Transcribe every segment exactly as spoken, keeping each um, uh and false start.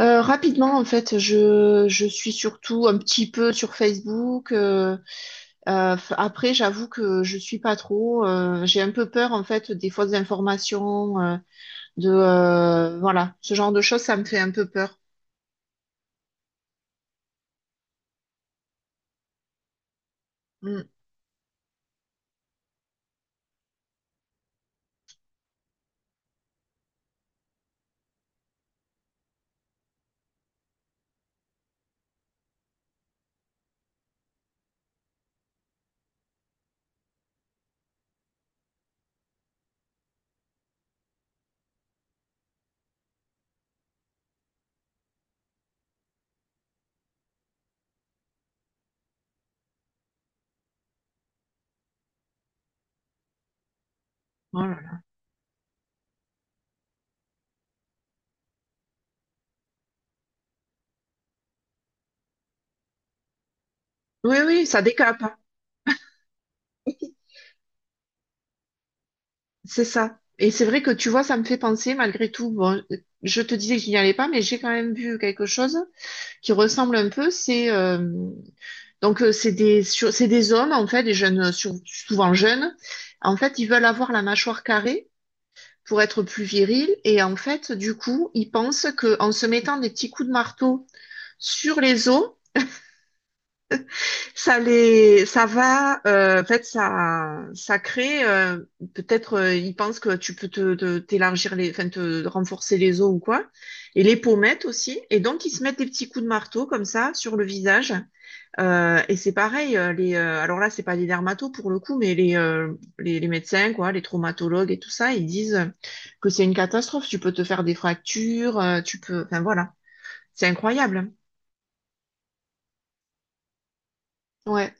Euh, rapidement, en fait, je, je suis surtout un petit peu sur Facebook. Euh, euh, f- après, j'avoue que je suis pas trop. Euh, j'ai un peu peur, en fait, des fausses informations, euh, de euh, voilà, ce genre de choses, ça me fait un peu peur. Mm. Oh là là. Oui, oui, ça décape, hein. C'est ça. Et c'est vrai que tu vois, ça me fait penser, malgré tout, bon, je te disais que je n'y allais pas, mais j'ai quand même vu quelque chose qui ressemble un peu. C'est euh, Donc, euh, c'est des, sur- c'est des hommes, en fait, des jeunes, euh, sur- souvent jeunes. En fait, ils veulent avoir la mâchoire carrée pour être plus virils. Et en fait, du coup, ils pensent qu'en se mettant des petits coups de marteau sur les os, ça les, ça va, euh, en fait, ça, ça crée, euh, peut-être, euh, ils pensent que tu peux te, te- t'élargir les, enfin, te renforcer les os ou quoi. Et les pommettes aussi. Et donc, ils se mettent des petits coups de marteau comme ça sur le visage. Euh, et c'est pareil, euh, les, euh, alors là, c'est pas des dermatos pour le coup, mais les, euh, les, les médecins, quoi, les traumatologues et tout ça, ils disent que c'est une catastrophe. Tu peux te faire des fractures, euh, tu peux, enfin voilà, c'est incroyable. Ouais,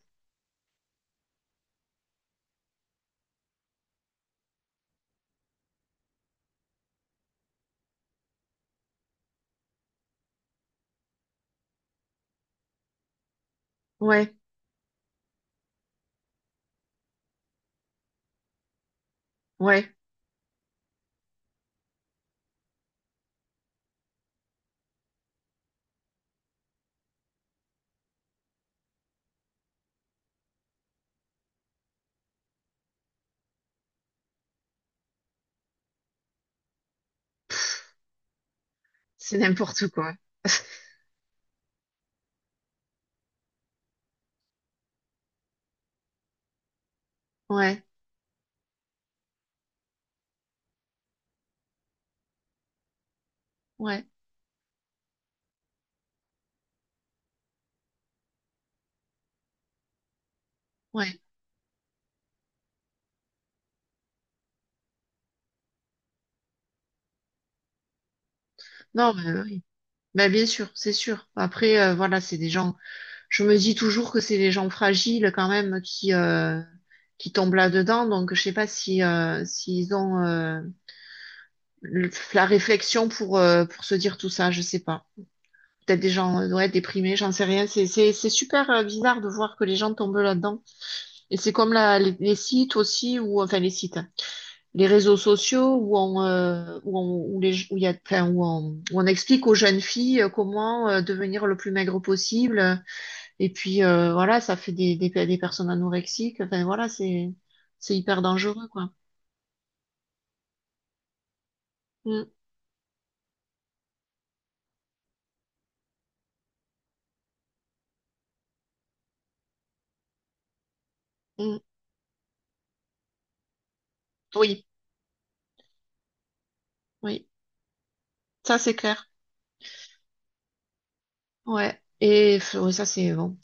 ouais, ouais, c'est n'importe quoi. Ouais, ouais, ouais. Non, mais oui. Bah, bien sûr, c'est sûr. Après, euh, voilà, c'est des gens. Je me dis toujours que c'est des gens fragiles quand même qui euh, qui tombent là-dedans. Donc, je sais pas si euh, s'ils ont euh, le- la réflexion pour, euh, pour se dire tout ça, je sais pas. Peut-être des gens euh, ouais, déprimés, j'en sais rien. C'est, c'est, c'est super euh, bizarre de voir que les gens tombent là-dedans. Et c'est comme la, les, les sites aussi, ou enfin les sites, hein, les réseaux sociaux où on, euh, où on, où les, où il y a, enfin, où on, où on explique aux jeunes filles euh, comment euh, devenir le plus maigre possible. Et puis euh, voilà, ça fait des, des, des personnes anorexiques. Enfin voilà, c'est, c'est hyper dangereux, quoi. Mm, mm. Oui, oui, ça c'est clair. Ouais. Et pff, ouais, ça, c'est bon.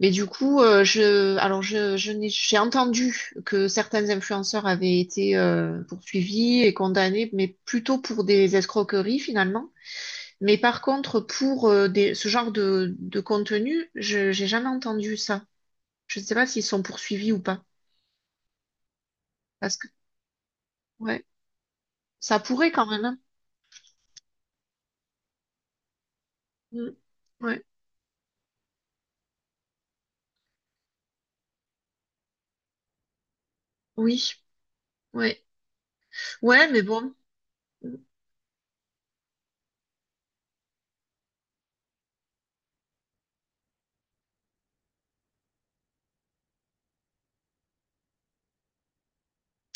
Mais du coup, euh, je, alors je, je n'ai- j'ai entendu que certains influenceurs avaient été euh, poursuivis et condamnés, mais plutôt pour des escroqueries finalement. Mais par contre, pour euh, des, ce genre de, de contenu, je, j'ai jamais entendu ça. Je ne sais pas s'ils sont poursuivis ou pas. Parce que, ouais, ça pourrait quand même, hein. Mm. Ouais. Oui. Ouais. Ouais, mais bon. Mm.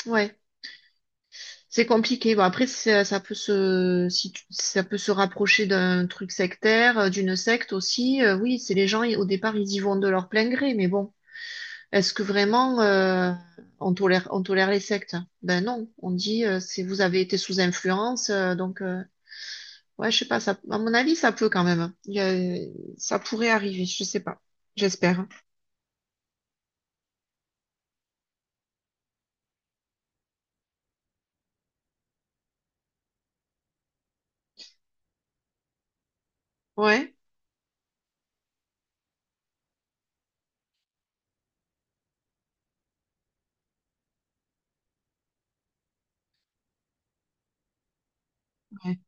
Ouais. C'est compliqué. Bon, après, ça, ça peut se, si tu- ça peut se rapprocher d'un truc sectaire, euh, d'une secte aussi. Euh, oui, c'est les gens, ils- au départ, ils y vont de leur plein gré. Mais bon, est-ce que vraiment euh, on tolère, on tolère les sectes? Ben non. On dit, euh, c'est vous avez été sous influence. Euh, donc, euh, ouais, je sais pas. Ça, à mon avis, ça peut quand même. Il y a- ça pourrait arriver. Je sais pas. J'espère. Ouais. Ouais.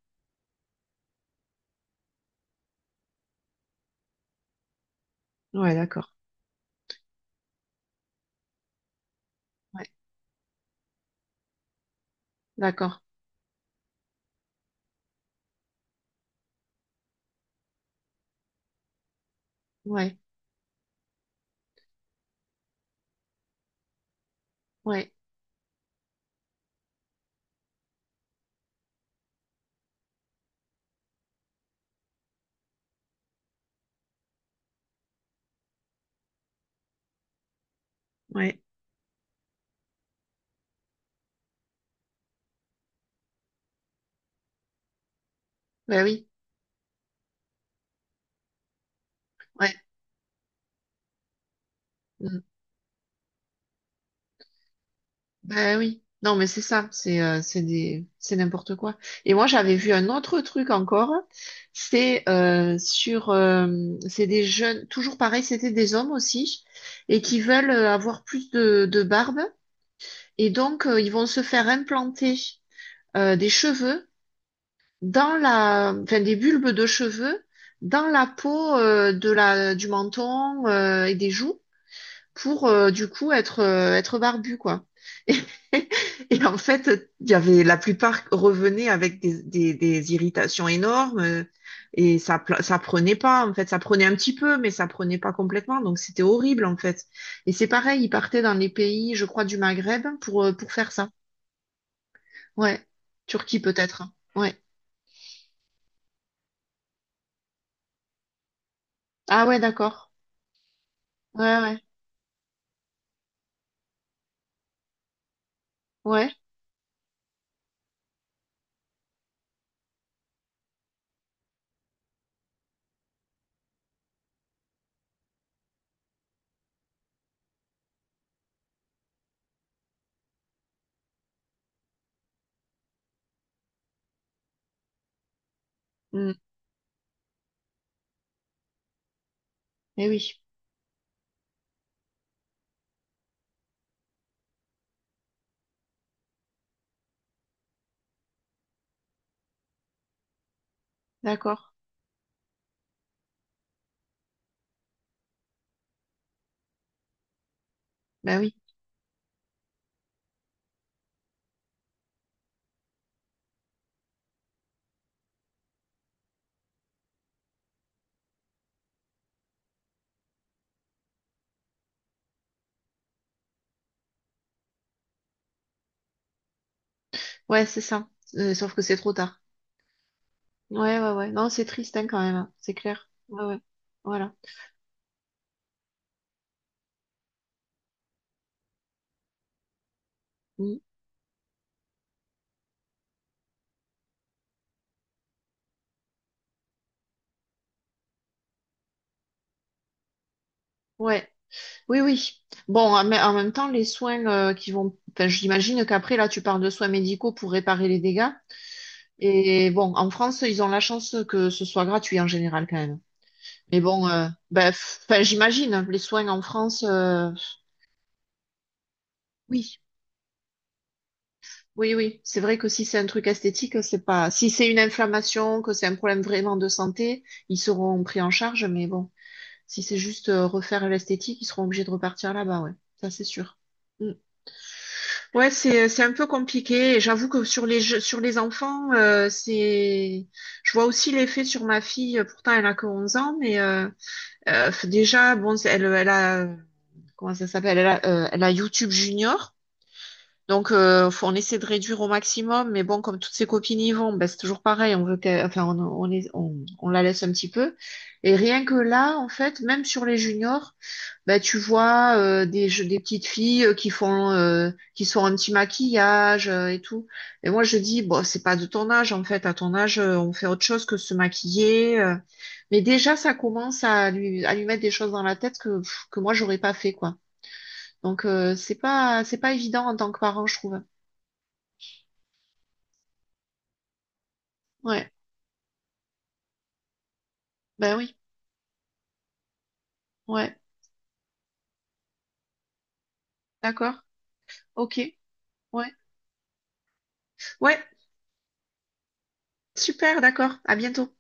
Ouais, d'accord. Ouais. D'accord. Ouais. Ouais. Ouais. Ben oui. Ouais. Mm. Ben oui, non mais c'est ça, c'est euh, c'est des c'est n'importe quoi. Et moi j'avais vu un autre truc encore, c'est euh, sur euh, c'est des jeunes, toujours pareil, c'était des hommes aussi et qui veulent euh, avoir plus de de barbe et donc euh, ils vont se faire implanter euh, des cheveux dans la enfin des bulbes de cheveux dans la peau euh, de la du menton euh, et des joues pour euh, du coup être, euh, être barbu, quoi. Et, et en fait, il y avait la plupart revenaient avec des, des, des irritations énormes euh, et ça, pla- ça prenait pas, en fait, ça prenait un petit peu, mais ça prenait pas complètement, donc c'était horrible, en fait. Et c'est pareil, ils partaient dans les pays, je crois, du Maghreb pour, euh, pour faire ça. Ouais. Turquie peut-être, hein. Ouais. Ah ouais, d'accord. Ouais, ouais. Ouais. Mm. Eh oui, d'accord. Ben oui. Ouais, c'est ça. Euh, sauf que c'est trop tard. Ouais, ouais, ouais. Non, c'est triste hein, quand même, hein. C'est clair. Ouais, ouais. Voilà. Mm. Ouais. Oui, oui. Bon, mais en même temps, les soins euh, qui vont. Enfin, j'imagine qu'après, là, tu parles de soins médicaux pour réparer les dégâts. Et bon, en France, ils ont la chance que ce soit gratuit en général quand même. Mais bon, euh, ben, f- enfin, j'imagine, les soins en France, euh, oui. Oui, oui. C'est vrai que si c'est un truc esthétique, c'est pas. Si c'est une inflammation, que c'est un problème vraiment de santé, ils seront pris en charge, mais bon. Si c'est juste euh, refaire l'esthétique, ils seront obligés de repartir là-bas, ouais. Ça, c'est sûr. Mm. Ouais, c'est euh, c'est un peu compliqué. Et j'avoue que sur les jeux- sur les enfants, euh, c'est je vois aussi l'effet sur ma fille. Pourtant, elle a que onze ans, mais euh, euh, déjà, bon, c'est- elle elle a euh, comment ça s'appelle? Elle a, euh, elle a YouTube Junior. Donc, euh, faut- on essaie de réduire au maximum, mais bon, comme toutes ses copines y vont, ben, c'est toujours pareil. On veut qu'elle- enfin, on, on, les- on, on la laisse un petit peu. Et rien que là, en fait, même sur les juniors, ben, tu vois euh, des, je- des petites filles euh, qui font, euh, qui sont un petit maquillage euh, et tout. Et moi, je dis, bon, c'est pas de ton âge, en fait. À ton âge, euh, on fait autre chose que se maquiller. Euh. Mais déjà, ça commence à lui, à lui mettre des choses dans la tête que, pff, que moi, j'aurais pas fait, quoi. Donc, euh, c'est pas, c'est pas évident en tant que parent, je trouve. Ouais, bah oui, ouais, d'accord, ok, ouais, ouais, super, d'accord, à bientôt.